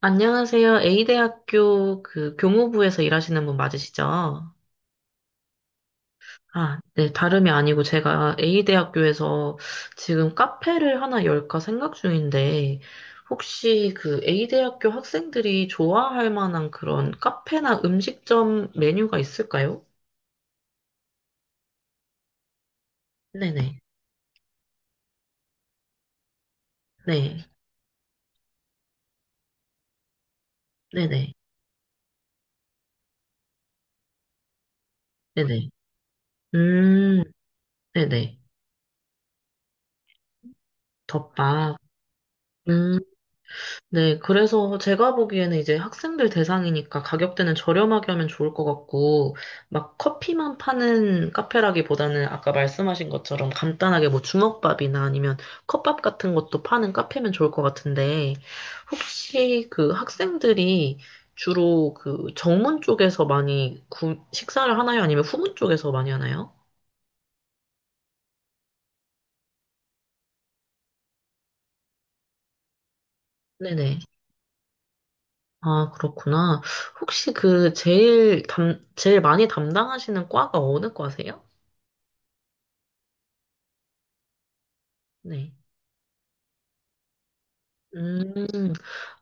안녕하세요. A대학교 그 교무부에서 일하시는 분 맞으시죠? 아, 네, 다름이 아니고 제가 A대학교에서 지금 카페를 하나 열까 생각 중인데, 혹시 그 A대학교 학생들이 좋아할 만한 그런 카페나 음식점 메뉴가 있을까요? 네네, 네, 네네, 네네. 음, 네네. 덮밥. 음. 네, 그래서 제가 보기에는 이제 학생들 대상이니까 가격대는 저렴하게 하면 좋을 것 같고, 막 커피만 파는 카페라기보다는 아까 말씀하신 것처럼 간단하게 뭐 주먹밥이나 아니면 컵밥 같은 것도 파는 카페면 좋을 것 같은데, 혹시 그 학생들이 주로 그 정문 쪽에서 많이 식사를 하나요? 아니면 후문 쪽에서 많이 하나요? 네네. 아, 그렇구나. 혹시 그 제일 많이 담당하시는 과가 어느 과세요? 네. 음,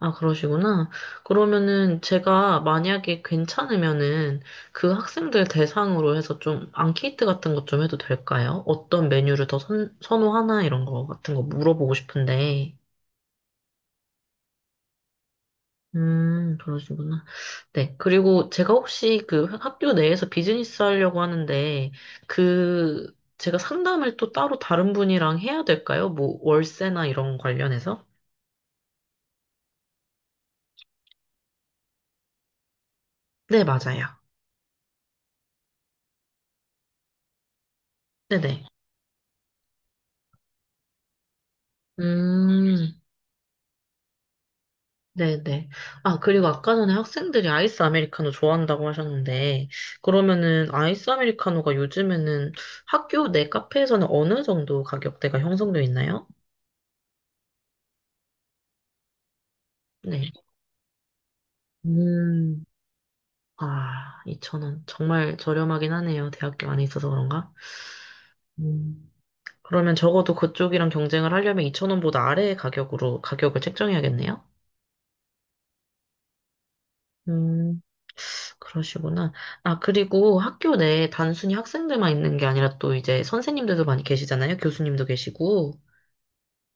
아, 그러시구나. 그러면은 제가 만약에 괜찮으면은 그 학생들 대상으로 해서 좀 앙케이트 같은 것 좀 해도 될까요? 어떤 메뉴를 더 선호하나 이런 거 같은 거 물어보고 싶은데. 그러시구나. 네. 그리고 제가 혹시 그 학교 내에서 비즈니스 하려고 하는데 그 제가 상담을 또 따로 다른 분이랑 해야 될까요? 뭐 월세나 이런 관련해서? 네, 맞아요. 네네. 음. 네네. 아, 그리고 아까 전에 학생들이 아이스 아메리카노 좋아한다고 하셨는데, 그러면은 아이스 아메리카노가 요즘에는 학교 내 카페에서는 어느 정도 가격대가 형성되어 있나요? 네. 음, 아, 2,000원. 정말 저렴하긴 하네요. 대학교 안에 있어서 그런가? 음, 그러면 적어도 그쪽이랑 경쟁을 하려면 2,000원보다 아래의 가격으로 가격을 책정해야겠네요? 음. 그러시구나. 아, 그리고 학교 내에 단순히 학생들만 있는 게 아니라 또 이제 선생님들도 많이 계시잖아요. 교수님도 계시고.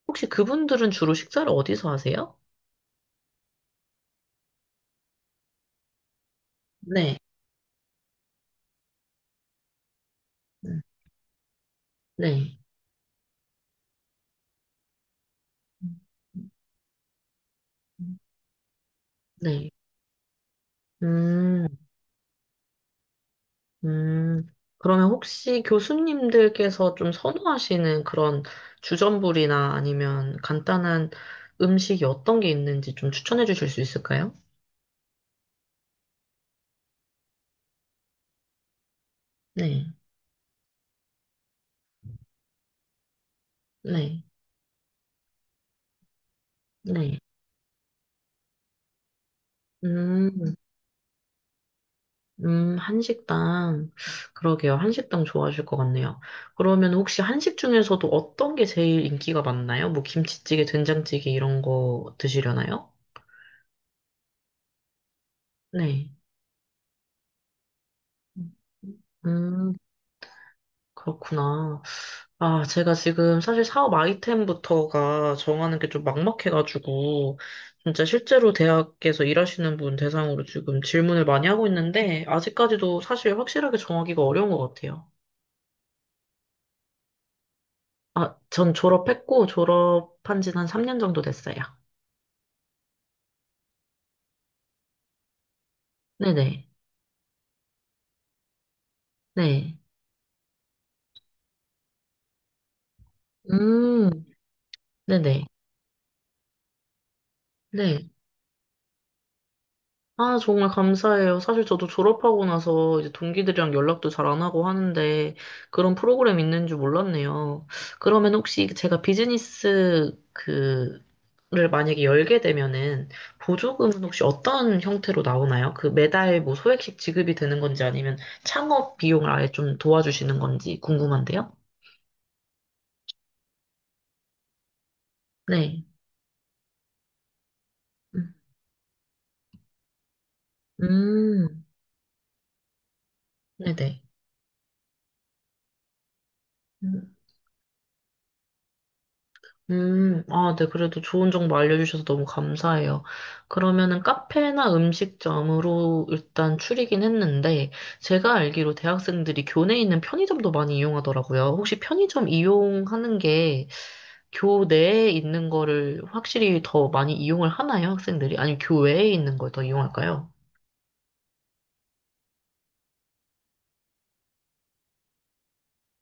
혹시 그분들은 주로 식사를 어디서 하세요? 네. 음, 네. 네. 음, 음. 그러면 혹시 교수님들께서 좀 선호하시는 그런 주전부리나 아니면 간단한 음식이 어떤 게 있는지 좀 추천해 주실 수 있을까요? 네. 네. 네. 음. 한식당. 그러게요. 한식당 좋아하실 것 같네요. 그러면 혹시 한식 중에서도 어떤 게 제일 인기가 많나요? 뭐 김치찌개, 된장찌개 이런 거 드시려나요? 네. 음, 그렇구나. 아, 제가 지금 사실 사업 아이템부터가 정하는 게 좀 막막해가지고, 진짜 실제로 대학에서 일하시는 분 대상으로 지금 질문을 많이 하고 있는데, 아직까지도 사실 확실하게 정하기가 어려운 것 같아요. 아, 전 졸업했고, 졸업한 지는 한 3년 정도 됐어요. 네네. 네. 음, 네네. 네. 아, 정말 감사해요. 사실 저도 졸업하고 나서 이제 동기들이랑 연락도 잘 안 하고 하는데 그런 프로그램 있는 줄 몰랐네요. 그러면 혹시 제가 비즈니스 그를 만약에 열게 되면은 보조금은 혹시 어떤 형태로 나오나요? 그 매달 뭐 소액씩 지급이 되는 건지 아니면 창업 비용을 아예 좀 도와주시는 건지 궁금한데요? 네. 음, 음, 네네. 음, 아, 네. 그래도 좋은 정보 알려주셔서 너무 감사해요. 그러면은 카페나 음식점으로 일단 추리긴 했는데, 제가 알기로 대학생들이 교내에 있는 편의점도 많이 이용하더라고요. 혹시 편의점 이용하는 게 교내에 있는 거를 확실히 더 많이 이용을 하나요, 학생들이? 아니면 교외에 있는 걸 더 이용할까요?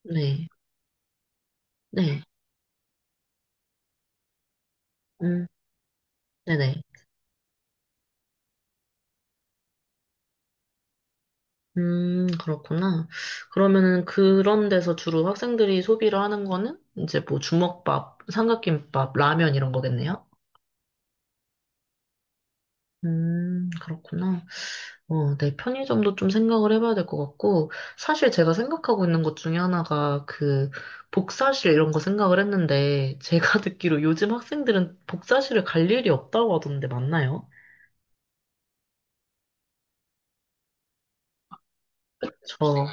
네, 네, 음, 네네. 그렇구나. 그러면은 그런 데서 주로 학생들이 소비를 하는 거는 이제 뭐 주먹밥, 삼각김밥, 라면 이런 거겠네요? 그렇구나. 어, 네, 편의점도 좀 생각을 해봐야 될 것 같고, 사실 제가 생각하고 있는 것 중에 하나가 그 복사실 이런 거 생각을 했는데, 제가 듣기로 요즘 학생들은 복사실을 갈 일이 없다고 하던데 맞나요? 저,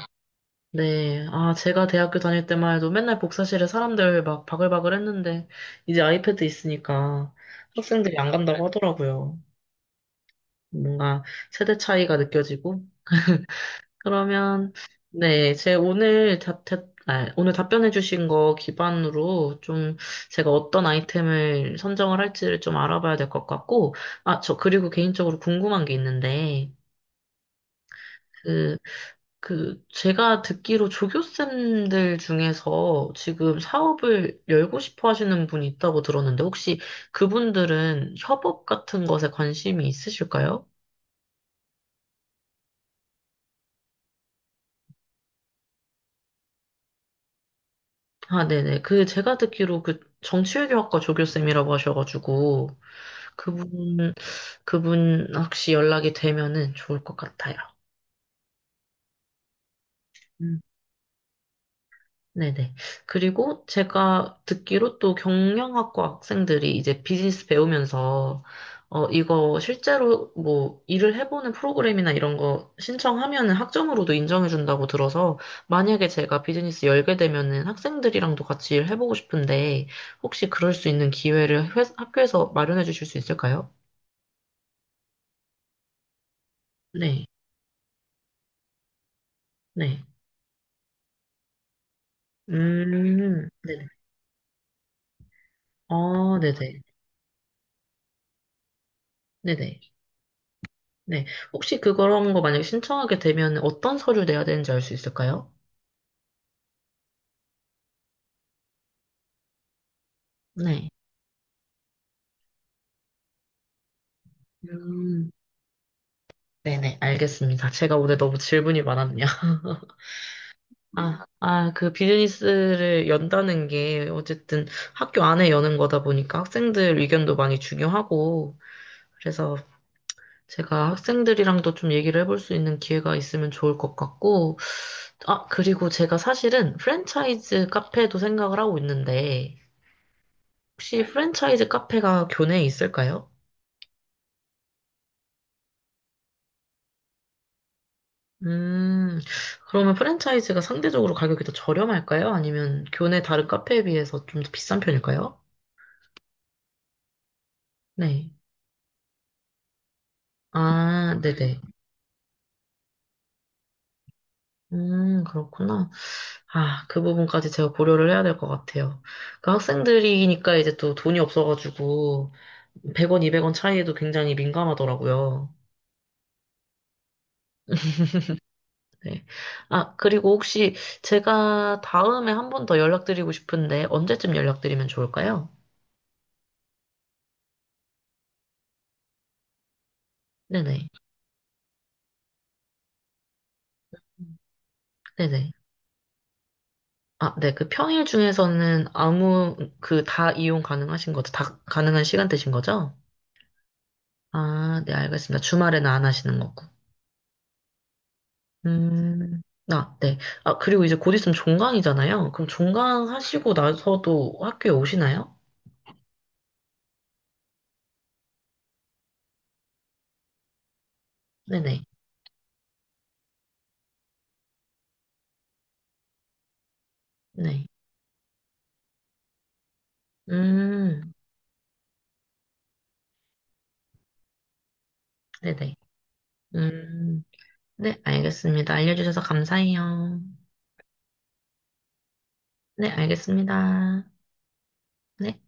네. 아, 제가 대학교 다닐 때만 해도 맨날 복사실에 사람들 막 바글바글 했는데, 이제 아이패드 있으니까 학생들이 안 간다고 하더라고요. 뭔가 세대 차이가 느껴지고. 그러면, 네. 제 오늘 답, 답- 아, 오늘 답변해주신 거 기반으로 좀 제가 어떤 아이템을 선정을 할지를 좀 알아봐야 될 것 같고, 아, 저 그리고 개인적으로 궁금한 게 있는데, 그 제가 듣기로 조교쌤들 중에서 지금 사업을 열고 싶어 하시는 분이 있다고 들었는데, 혹시 그분들은 협업 같은 것에 관심이 있으실까요? 아, 네네. 그, 제가 듣기로 그 정치외교학과 조교쌤이라고 하셔가지고, 그분, 그분 혹시 연락이 되면은 좋을 것 같아요. 네네. 그리고 제가 듣기로 또 경영학과 학생들이 이제 비즈니스 배우면서, 어, 이거 실제로 뭐 일을 해보는 프로그램이나 이런 거 신청하면은 학점으로도 인정해준다고 들어서, 만약에 제가 비즈니스 열게 되면은 학생들이랑도 같이 일해보고 싶은데, 혹시 그럴 수 있는 기회를 학교에서 마련해 주실 수 있을까요? 네, 네. 네네. 어, 네네. 네네. 네. 혹시 그런 거 만약에 신청하게 되면 어떤 서류 내야 되는지 알 수 있을까요? 네. 음, 네네, 알겠습니다. 제가 오늘 너무 질문이 많았네요. 아, 아, 그 비즈니스를 연다는 게 어쨌든 학교 안에 여는 거다 보니까 학생들 의견도 많이 중요하고, 그래서 제가 학생들이랑도 좀 얘기를 해볼 수 있는 기회가 있으면 좋을 것 같고, 아, 그리고 제가 사실은 프랜차이즈 카페도 생각을 하고 있는데, 혹시 프랜차이즈 카페가 교내에 있을까요? 음, 그러면 프랜차이즈가 상대적으로 가격이 더 저렴할까요? 아니면 교내 다른 카페에 비해서 좀 더 비싼 편일까요? 네. 아, 네네. 그렇구나. 아, 그 부분까지 제가 고려를 해야 될 것 같아요. 그 학생들이니까 이제 또 돈이 없어가지고 100원, 200원 차이에도 굉장히 민감하더라고요. 네. 아, 그리고 혹시 제가 다음에 한 번 더 연락드리고 싶은데 언제쯤 연락드리면 좋을까요? 네네. 네네. 아, 네. 그 평일 중에서는 그 다 이용 가능하신 거죠? 다 가능한 시간대신 거죠? 아, 네, 알겠습니다. 주말에는 안 하시는 거고. 음, 아, 네. 아, 그리고 이제 곧 있으면 종강이잖아요. 그럼 종강 하시고 나서도 학교에 오시나요? 네네. 네. 음, 네네. 음, 네, 알겠습니다. 알려주셔서 감사해요. 네, 알겠습니다. 네.